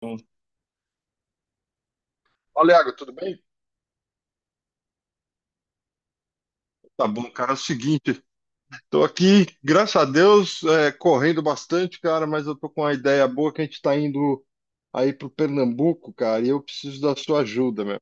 Sim. Fala, Iago, tudo bem? Tá bom, cara. É o seguinte, tô aqui, graças a Deus, correndo bastante, cara, mas eu tô com uma ideia boa que a gente tá indo aí pro Pernambuco, cara, e eu preciso da sua ajuda, meu.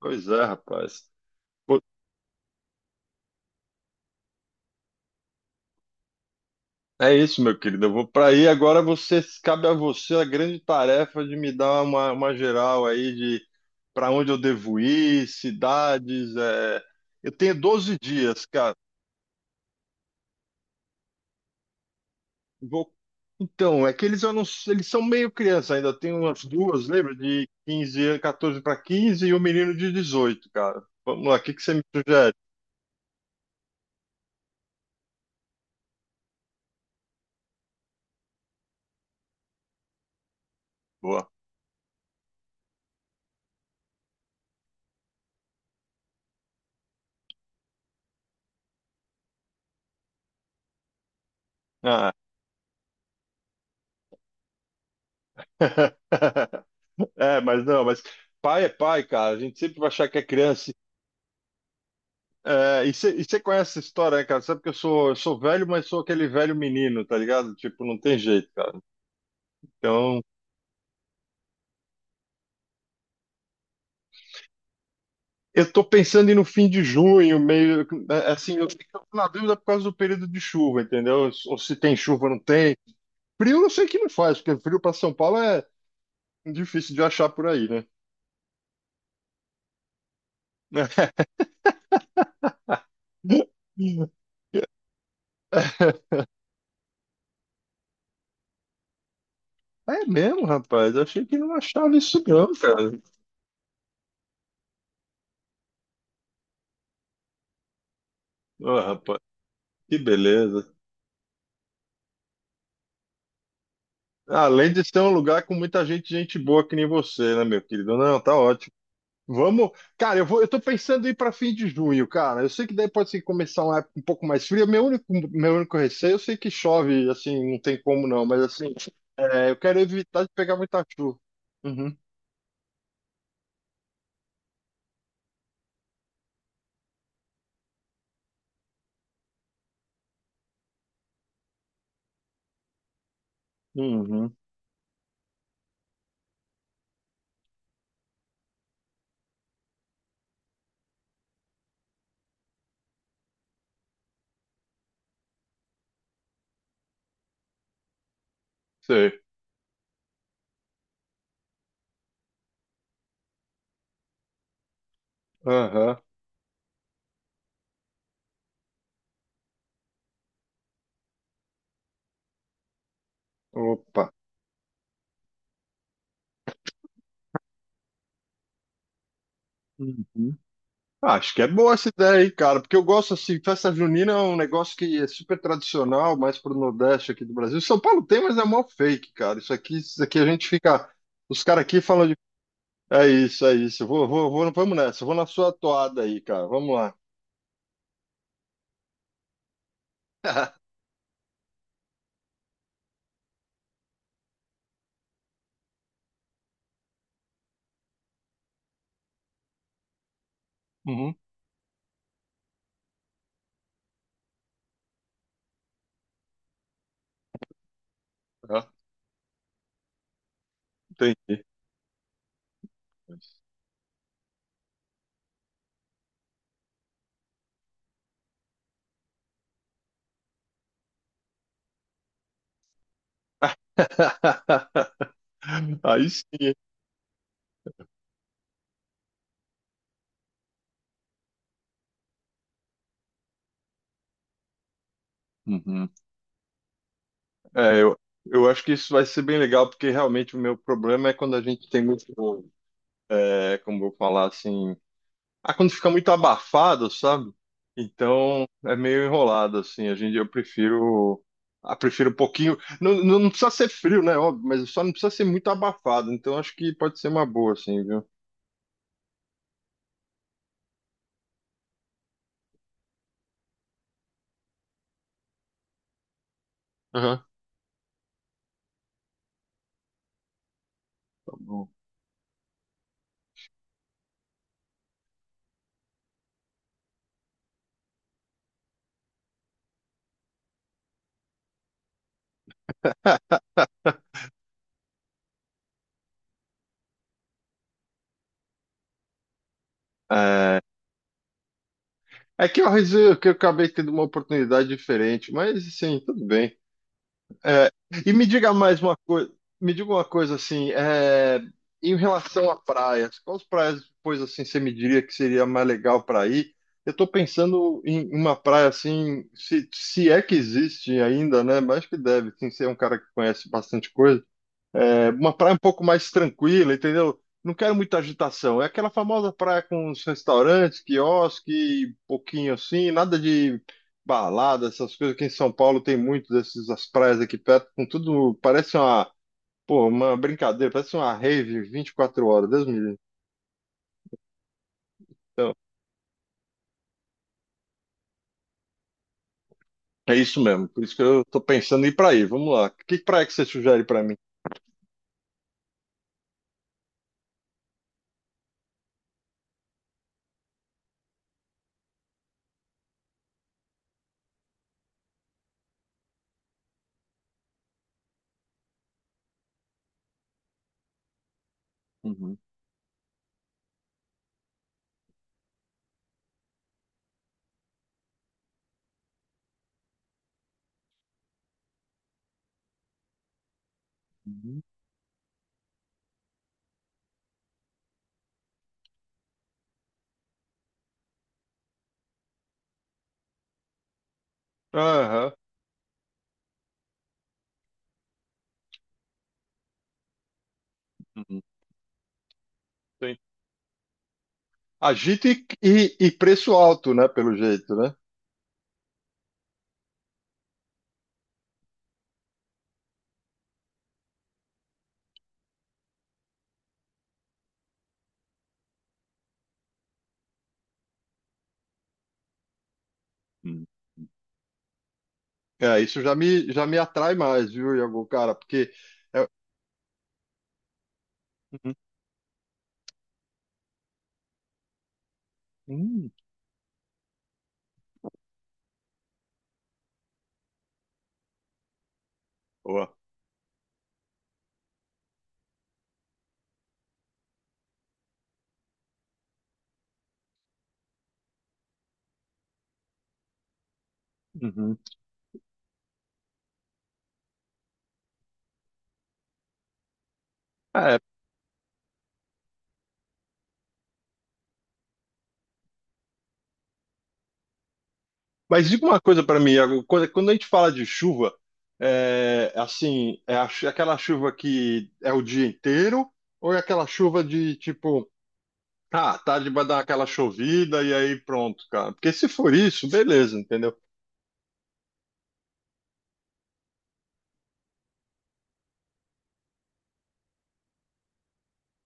Pois é, rapaz. Pô, é isso, meu querido. Eu vou pra aí agora. Você Cabe a você a grande tarefa de me dar uma geral aí de para onde eu devo ir, cidades. Eu tenho 12 dias, cara. Vou. Então, é que eles, eu não- eles são meio criança ainda. Tem umas duas, lembra? De 15 anos, 14 para 15 e o menino de 18, cara. Vamos lá, o que que você me sugere? Boa. Ah. É, mas não, mas pai é pai, cara. A gente sempre vai achar que é criança. É, e você conhece essa história, né, cara? Sabe que eu sou velho, mas sou aquele velho menino, tá ligado? Tipo, não tem jeito, cara. Então. Eu tô pensando em no fim de junho, meio né, assim, eu fico na dúvida por causa do período de chuva, entendeu? Ou se tem chuva ou não tem. Frio eu sei que não faz, porque frio para São Paulo é difícil de achar por aí, né? É mesmo, rapaz. Eu achei que não achava isso não, cara. Ó, rapaz, que beleza. Além de ser um lugar com muita gente, gente boa que nem você, né, meu querido? Não, tá ótimo. Vamos, cara, eu tô pensando em ir para fim de junho, cara. Eu sei que daí pode ser que começar uma época um pouco mais fria. Meu único receio, eu sei que chove, assim, não tem como não, mas assim, eu quero evitar de pegar muita chuva. Uhum, uhum, sei. Aham, opa. Uhum. Ah, acho que é boa essa ideia, hein, cara, porque eu gosto assim, festa junina é um negócio que é super tradicional, mais pro Nordeste aqui do Brasil. São Paulo tem, mas é mó fake, cara. Isso aqui a gente fica, os caras aqui falam de. É isso, é isso. Vamos nessa. Vou na sua toada aí, cara. Vamos lá. Uhum. Ah, entendi. Aí sim, hein? Uhum. É, eu acho que isso vai ser bem legal, porque realmente o meu problema é quando a gente tem muito, como eu vou falar assim, ah, quando fica muito abafado, sabe? Então é meio enrolado, assim. Eu prefiro um pouquinho. Não, não, não precisa ser frio, né? Óbvio, mas só não precisa ser muito abafado. Então acho que pode ser uma boa, assim, viu? Aham. Tá bom. É, é, que eu acabei tendo uma oportunidade diferente, mas assim, tudo bem. É, e me diga mais uma coisa, me diga uma coisa assim, em relação a praias, quais praias depois assim você me diria que seria mais legal para ir? Eu estou pensando em uma praia assim, se é que existe ainda, né? Mas acho que deve, sim, ser um cara que conhece bastante coisa. É, uma praia um pouco mais tranquila, entendeu? Não quero muita agitação. É aquela famosa praia com os restaurantes, quiosque, pouquinho assim, nada de balada, essas coisas que em São Paulo tem muito dessas as praias aqui perto, com tudo, parece uma brincadeira, parece uma rave 24 horas, Deus me livre. É isso mesmo, por isso que eu tô pensando em ir pra aí. Vamos lá. Que praia que você sugere pra mim? Uhum, uhum. Aham. Uhum. Tem. Agito e preço alto, né? Pelo jeito, né? Uhum. É, isso já me atrai mais, viu, Iago, cara? Porque. é- Uhum. Hum, boa. Uhum. É, mas diga uma coisa para mim, Iago. Quando a gente fala de chuva, é assim, aquela chuva que é o dia inteiro, ou é aquela chuva de tipo, ah, tarde vai dar aquela chovida e aí pronto, cara. Porque se for isso, beleza, entendeu?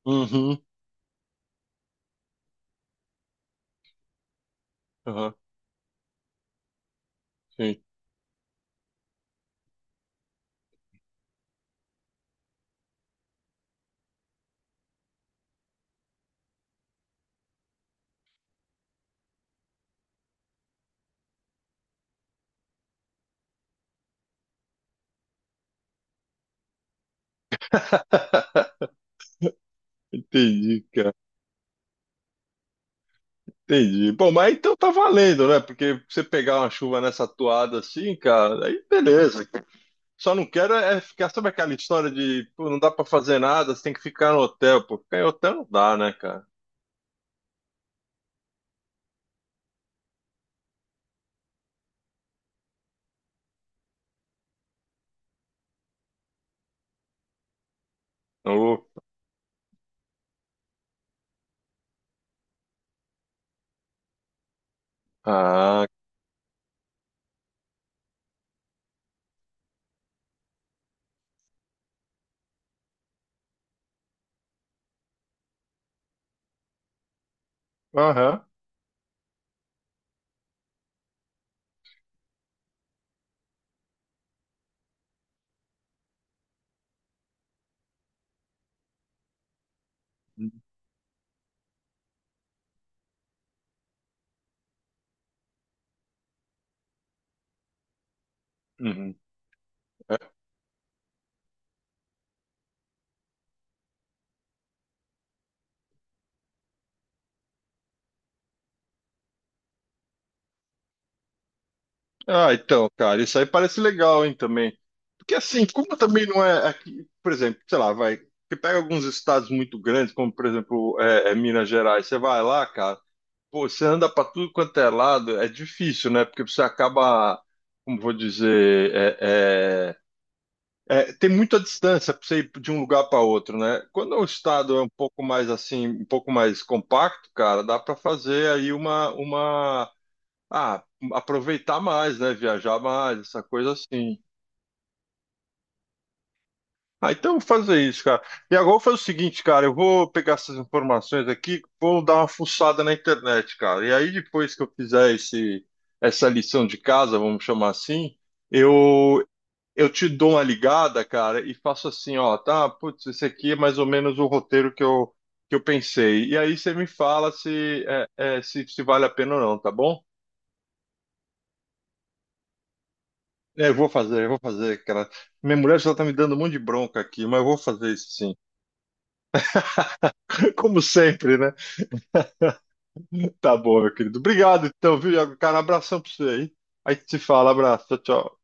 Uhum, uhum, sim. Entendi, cara. Entendi. Bom, mas então tá valendo, né? Porque você pegar uma chuva nessa toada assim, cara, aí beleza. Só não quero é ficar, sabe aquela história de, pô, não dá pra fazer nada, você tem que ficar no hotel, pô. Ficar em hotel não dá, né, cara? Ô, ah, aham. Uhum. É. Ah, então, cara, isso aí parece legal, hein, também. Porque assim, como também não é aqui, por exemplo, sei lá, vai, você pega alguns estados muito grandes, como por exemplo, Minas Gerais, você vai lá, cara. Pô, você anda para tudo quanto é lado, é difícil, né? Porque você acaba, como vou dizer, é, tem muita distância para você ir de um lugar para outro, né? Quando o estado é um pouco mais assim, um pouco mais compacto, cara, dá para fazer aí ah, aproveitar mais, né? Viajar mais, essa coisa assim. Ah, então eu vou fazer isso, cara. E agora eu vou fazer o seguinte, cara, eu vou pegar essas informações aqui, vou dar uma fuçada na internet, cara. E aí depois que eu fizer esse, essa lição de casa, vamos chamar assim, eu eu te dou uma ligada, cara, e faço assim, ó, tá, putz, esse aqui é mais ou menos o roteiro que eu pensei. E aí você me fala se é, é, se vale a pena ou não, tá bom? É, eu vou fazer, cara. Minha mulher já tá me dando um monte de bronca aqui, mas eu vou fazer isso sim. Como sempre, né? Tá bom, meu querido. Obrigado, então, viu, Iago? Cara, um abração pra você aí. Aí te fala, abraço, tchau, tchau.